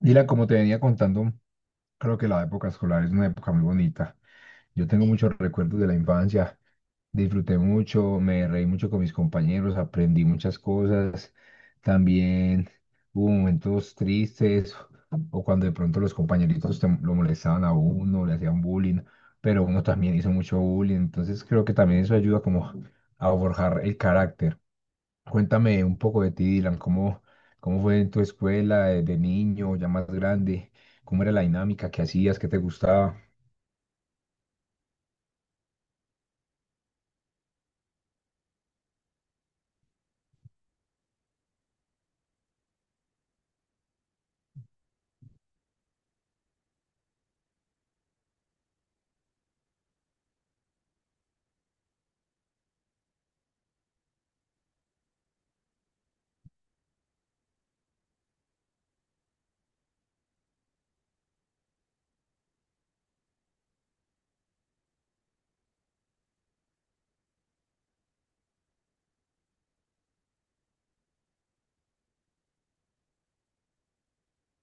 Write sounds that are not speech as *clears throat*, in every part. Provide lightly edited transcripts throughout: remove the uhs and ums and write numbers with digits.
Dylan, como te venía contando, creo que la época escolar es una época muy bonita. Yo tengo muchos recuerdos de la infancia, disfruté mucho, me reí mucho con mis compañeros, aprendí muchas cosas. También hubo momentos tristes o cuando de pronto los compañeritos lo molestaban a uno, le hacían bullying, pero uno también hizo mucho bullying. Entonces creo que también eso ayuda como a forjar el carácter. Cuéntame un poco de ti, Dylan, cómo fue en tu escuela de niño, ya más grande, cómo era la dinámica, qué hacías, qué te gustaba.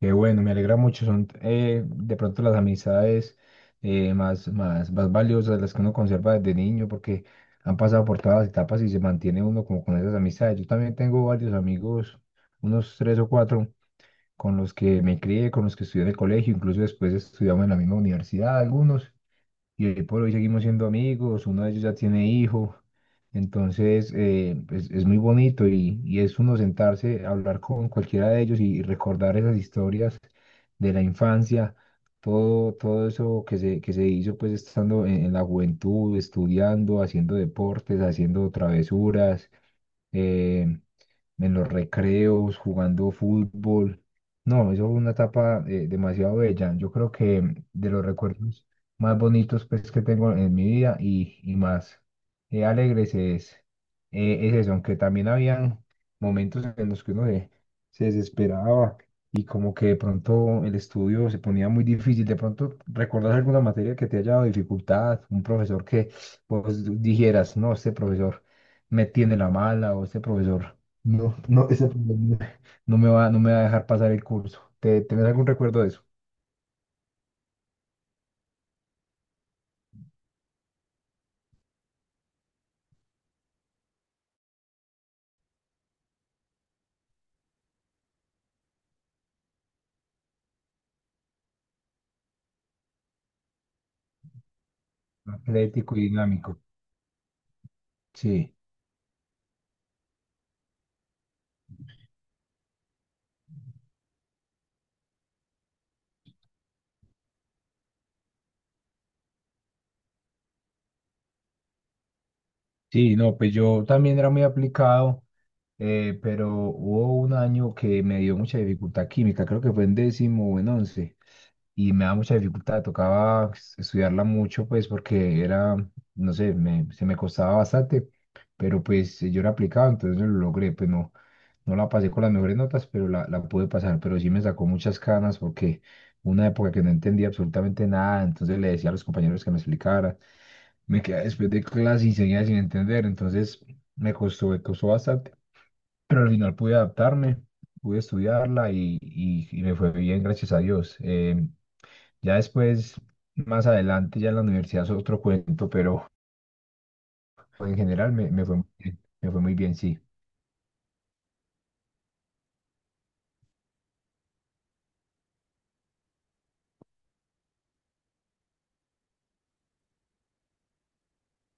Qué bueno, me alegra mucho, son de pronto las amistades más valiosas, las que uno conserva desde niño, porque han pasado por todas las etapas y se mantiene uno como con esas amistades. Yo también tengo varios amigos, unos tres o cuatro, con los que me crié, con los que estudié en el colegio, incluso después estudiamos en la misma universidad, algunos. Y hoy por hoy seguimos siendo amigos, uno de ellos ya tiene hijo, entonces es muy bonito y es uno sentarse a hablar con cualquiera de ellos y recordar esas historias de la infancia, todo eso que se hizo pues estando en la juventud, estudiando, haciendo deportes, haciendo travesuras. eh, en los recreos, jugando fútbol. No, eso fue una etapa demasiado bella. Yo creo que de los recuerdos más bonitos pues, que tengo en mi vida y más eh, alegres es, es eso, aunque también habían momentos en los que se desesperaba y como que de pronto el estudio se ponía muy difícil. De pronto, ¿recordás alguna materia que te haya dado dificultad? Un profesor que vos dijeras, no, este profesor me tiene la mala, o este profesor no, ese problema no me va a dejar pasar el curso. ¿ tenés algún recuerdo de eso? Atlético y dinámico. Sí. Sí, no, pues yo también era muy aplicado, pero hubo un año que me dio mucha dificultad química, creo que fue en décimo o en once, y me daba mucha dificultad, tocaba estudiarla mucho, pues porque era, no sé, se me costaba bastante, pero pues yo era aplicado, entonces lo logré, pues no, no la pasé con las mejores notas, pero la pude pasar, pero sí me sacó muchas canas porque una época que no entendía absolutamente nada, entonces le decía a los compañeros que me explicara. Me quedé después de clase y seguía sin entender, entonces me costó bastante, pero al final pude adaptarme, pude estudiarla y me fue bien, gracias a Dios. Ya después, más adelante, ya en la universidad es otro cuento, pero en general me fue muy bien, me fue muy bien, sí.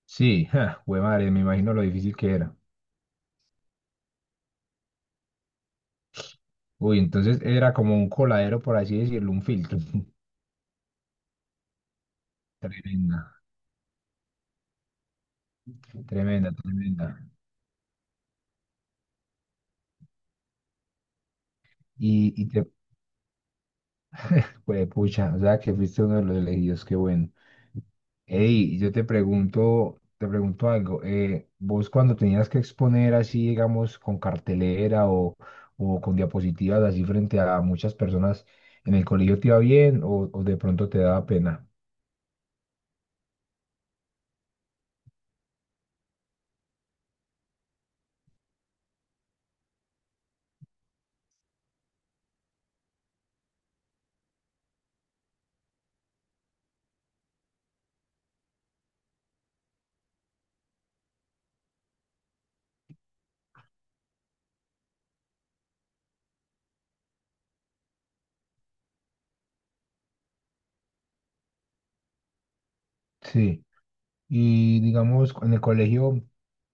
Sí, ja, jue madre, me imagino lo difícil que era. Uy, entonces era como un coladero, por así decirlo, un filtro. *laughs* Tremenda. Tremenda, tremenda. Y, y te, pues, pucha, o sea, que fuiste uno de los elegidos, qué bueno. Ey, yo te pregunto algo. Vos cuando tenías que exponer así, digamos, con cartelera o con diapositivas así frente a muchas personas en el colegio, ¿te iba bien o de pronto te daba pena? Sí. Y digamos, en el colegio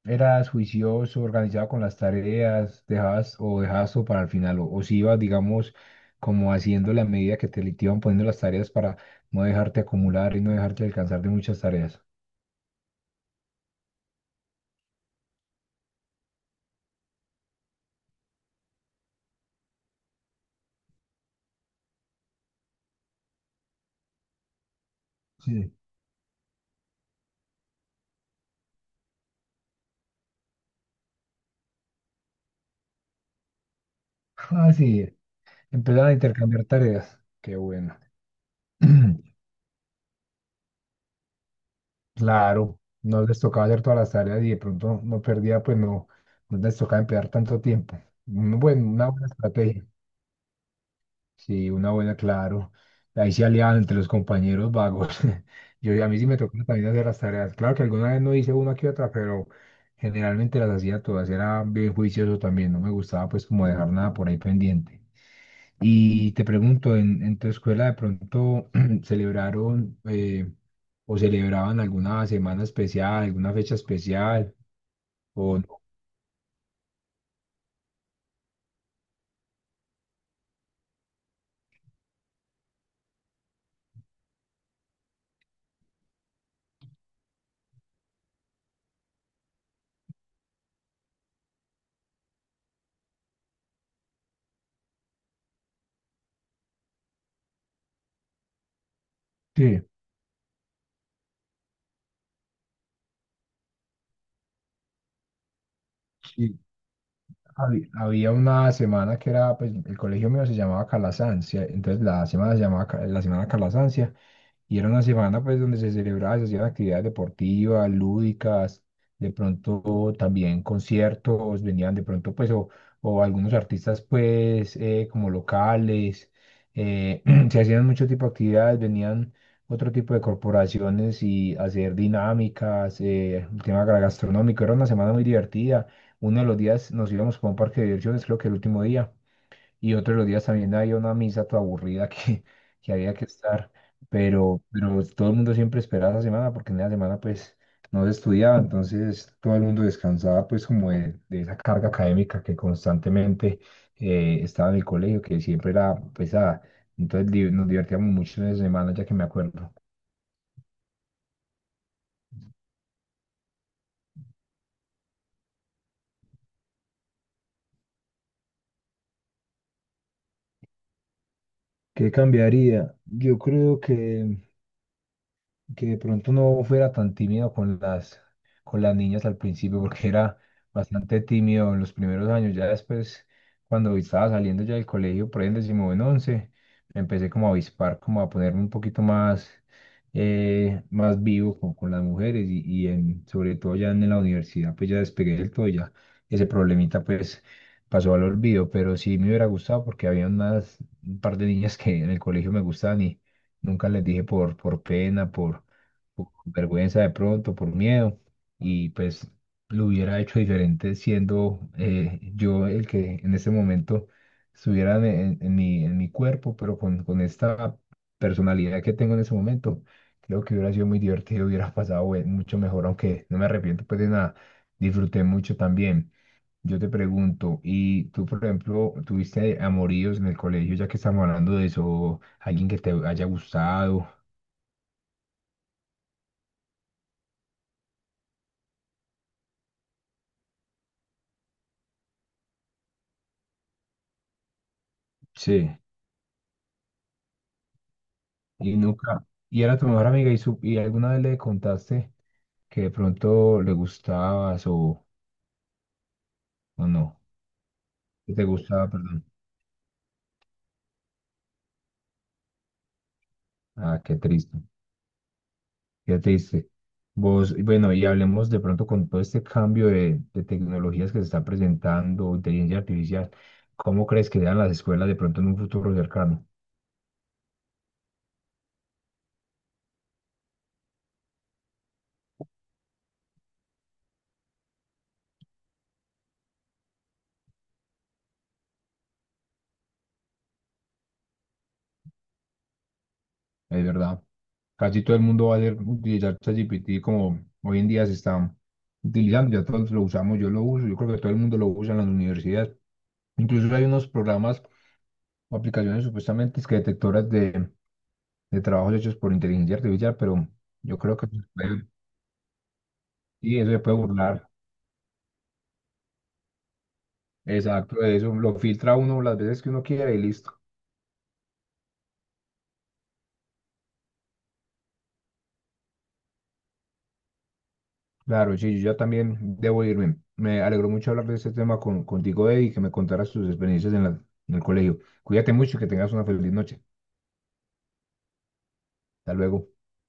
eras juicioso, organizado con las tareas, dejabas, o dejabas todo para el final, o si ibas, digamos, como haciendo la medida que te iban poniendo las tareas para no dejarte acumular y no dejarte alcanzar de muchas tareas. Sí. Ah, sí, empezaban a intercambiar tareas. Qué bueno. *clears throat* Claro, no les tocaba hacer todas las tareas y de pronto no perdía, pues no, no les tocaba emplear tanto tiempo. Bueno, una buena estrategia. Sí, una buena, claro. Ahí se aliaban entre los compañeros vagos. *laughs* Yo, a mí sí me tocó también hacer las tareas. Claro que alguna vez no hice una que otra, pero generalmente las hacía todas. Era bien juicioso también. No me gustaba pues como dejar nada por ahí pendiente. Y te pregunto, en tu escuela de pronto *clears throat* celebraron o celebraban alguna semana especial, alguna fecha especial? ¿O no? Sí. Había, había una semana que era, pues el colegio mío se llamaba Calasancia, entonces la semana se llamaba la semana Calasancia, y era una semana pues donde se celebraba, se hacían actividades deportivas, lúdicas, de pronto también conciertos, venían de pronto o algunos artistas pues como locales, eh, *clears throat* se hacían mucho tipo de actividades, venían otro tipo de corporaciones y hacer dinámicas, el tema gastronómico, era una semana muy divertida. Uno de los días nos íbamos para un parque de diversiones, creo que el último día, y otros los días también había una misa toda aburrida *laughs* que había que estar, pero todo el mundo siempre esperaba esa semana, porque en la semana pues no se estudiaba, entonces todo el mundo descansaba pues como de esa carga académica que constantemente estaba en el colegio, que siempre era pesada, entonces nos divertíamos mucho en esa semana ya que me acuerdo. ¿Qué cambiaría? Yo creo que de pronto no fuera tan tímido con con las niñas al principio, porque era bastante tímido en los primeros años. Ya después, cuando estaba saliendo ya del colegio, por ahí en décimo en once, me empecé como a avispar, como a ponerme un poquito más, más vivo con las mujeres y sobre todo ya en la universidad, pues ya despegué del todo, y ya ese problemita pues pasó al olvido, pero sí me hubiera gustado porque había unas, un par de niñas que en el colegio me gustaban y nunca les dije por pena, por vergüenza de pronto, por miedo, y pues lo hubiera hecho diferente siendo yo el que en ese momento estuviera en mi cuerpo, pero con esta personalidad que tengo en ese momento, creo que hubiera sido muy divertido, hubiera pasado mucho mejor, aunque no me arrepiento pues de nada, disfruté mucho también. Yo te pregunto, ¿y tú, por ejemplo, tuviste amoríos en el colegio, ya que estamos hablando de eso, alguien que te haya gustado? Sí. Y nunca, y era tu mejor amiga y alguna vez le contaste que de pronto le gustabas o no, que te gustaba, perdón. Ah, qué triste, qué triste. Vos, y bueno, y hablemos de pronto con todo este cambio de tecnologías que se está presentando, inteligencia artificial, ¿cómo crees que sean las escuelas de pronto en un futuro cercano? Es verdad, casi todo el mundo va a utilizar ChatGPT como hoy en día se está utilizando, ya todos lo usamos, yo lo uso, yo creo que todo el mundo lo usa en las universidades. Incluso hay unos programas o aplicaciones supuestamente es que detectoras de trabajos hechos por inteligencia artificial, pero yo creo que y eso se puede burlar. Exacto, de eso lo filtra uno las veces que uno quiera y listo. Claro, sí, yo ya también debo irme. Me alegró mucho hablar de este tema contigo, Eddie, y que me contaras tus experiencias en en el colegio. Cuídate mucho y que tengas una feliz noche. Hasta luego.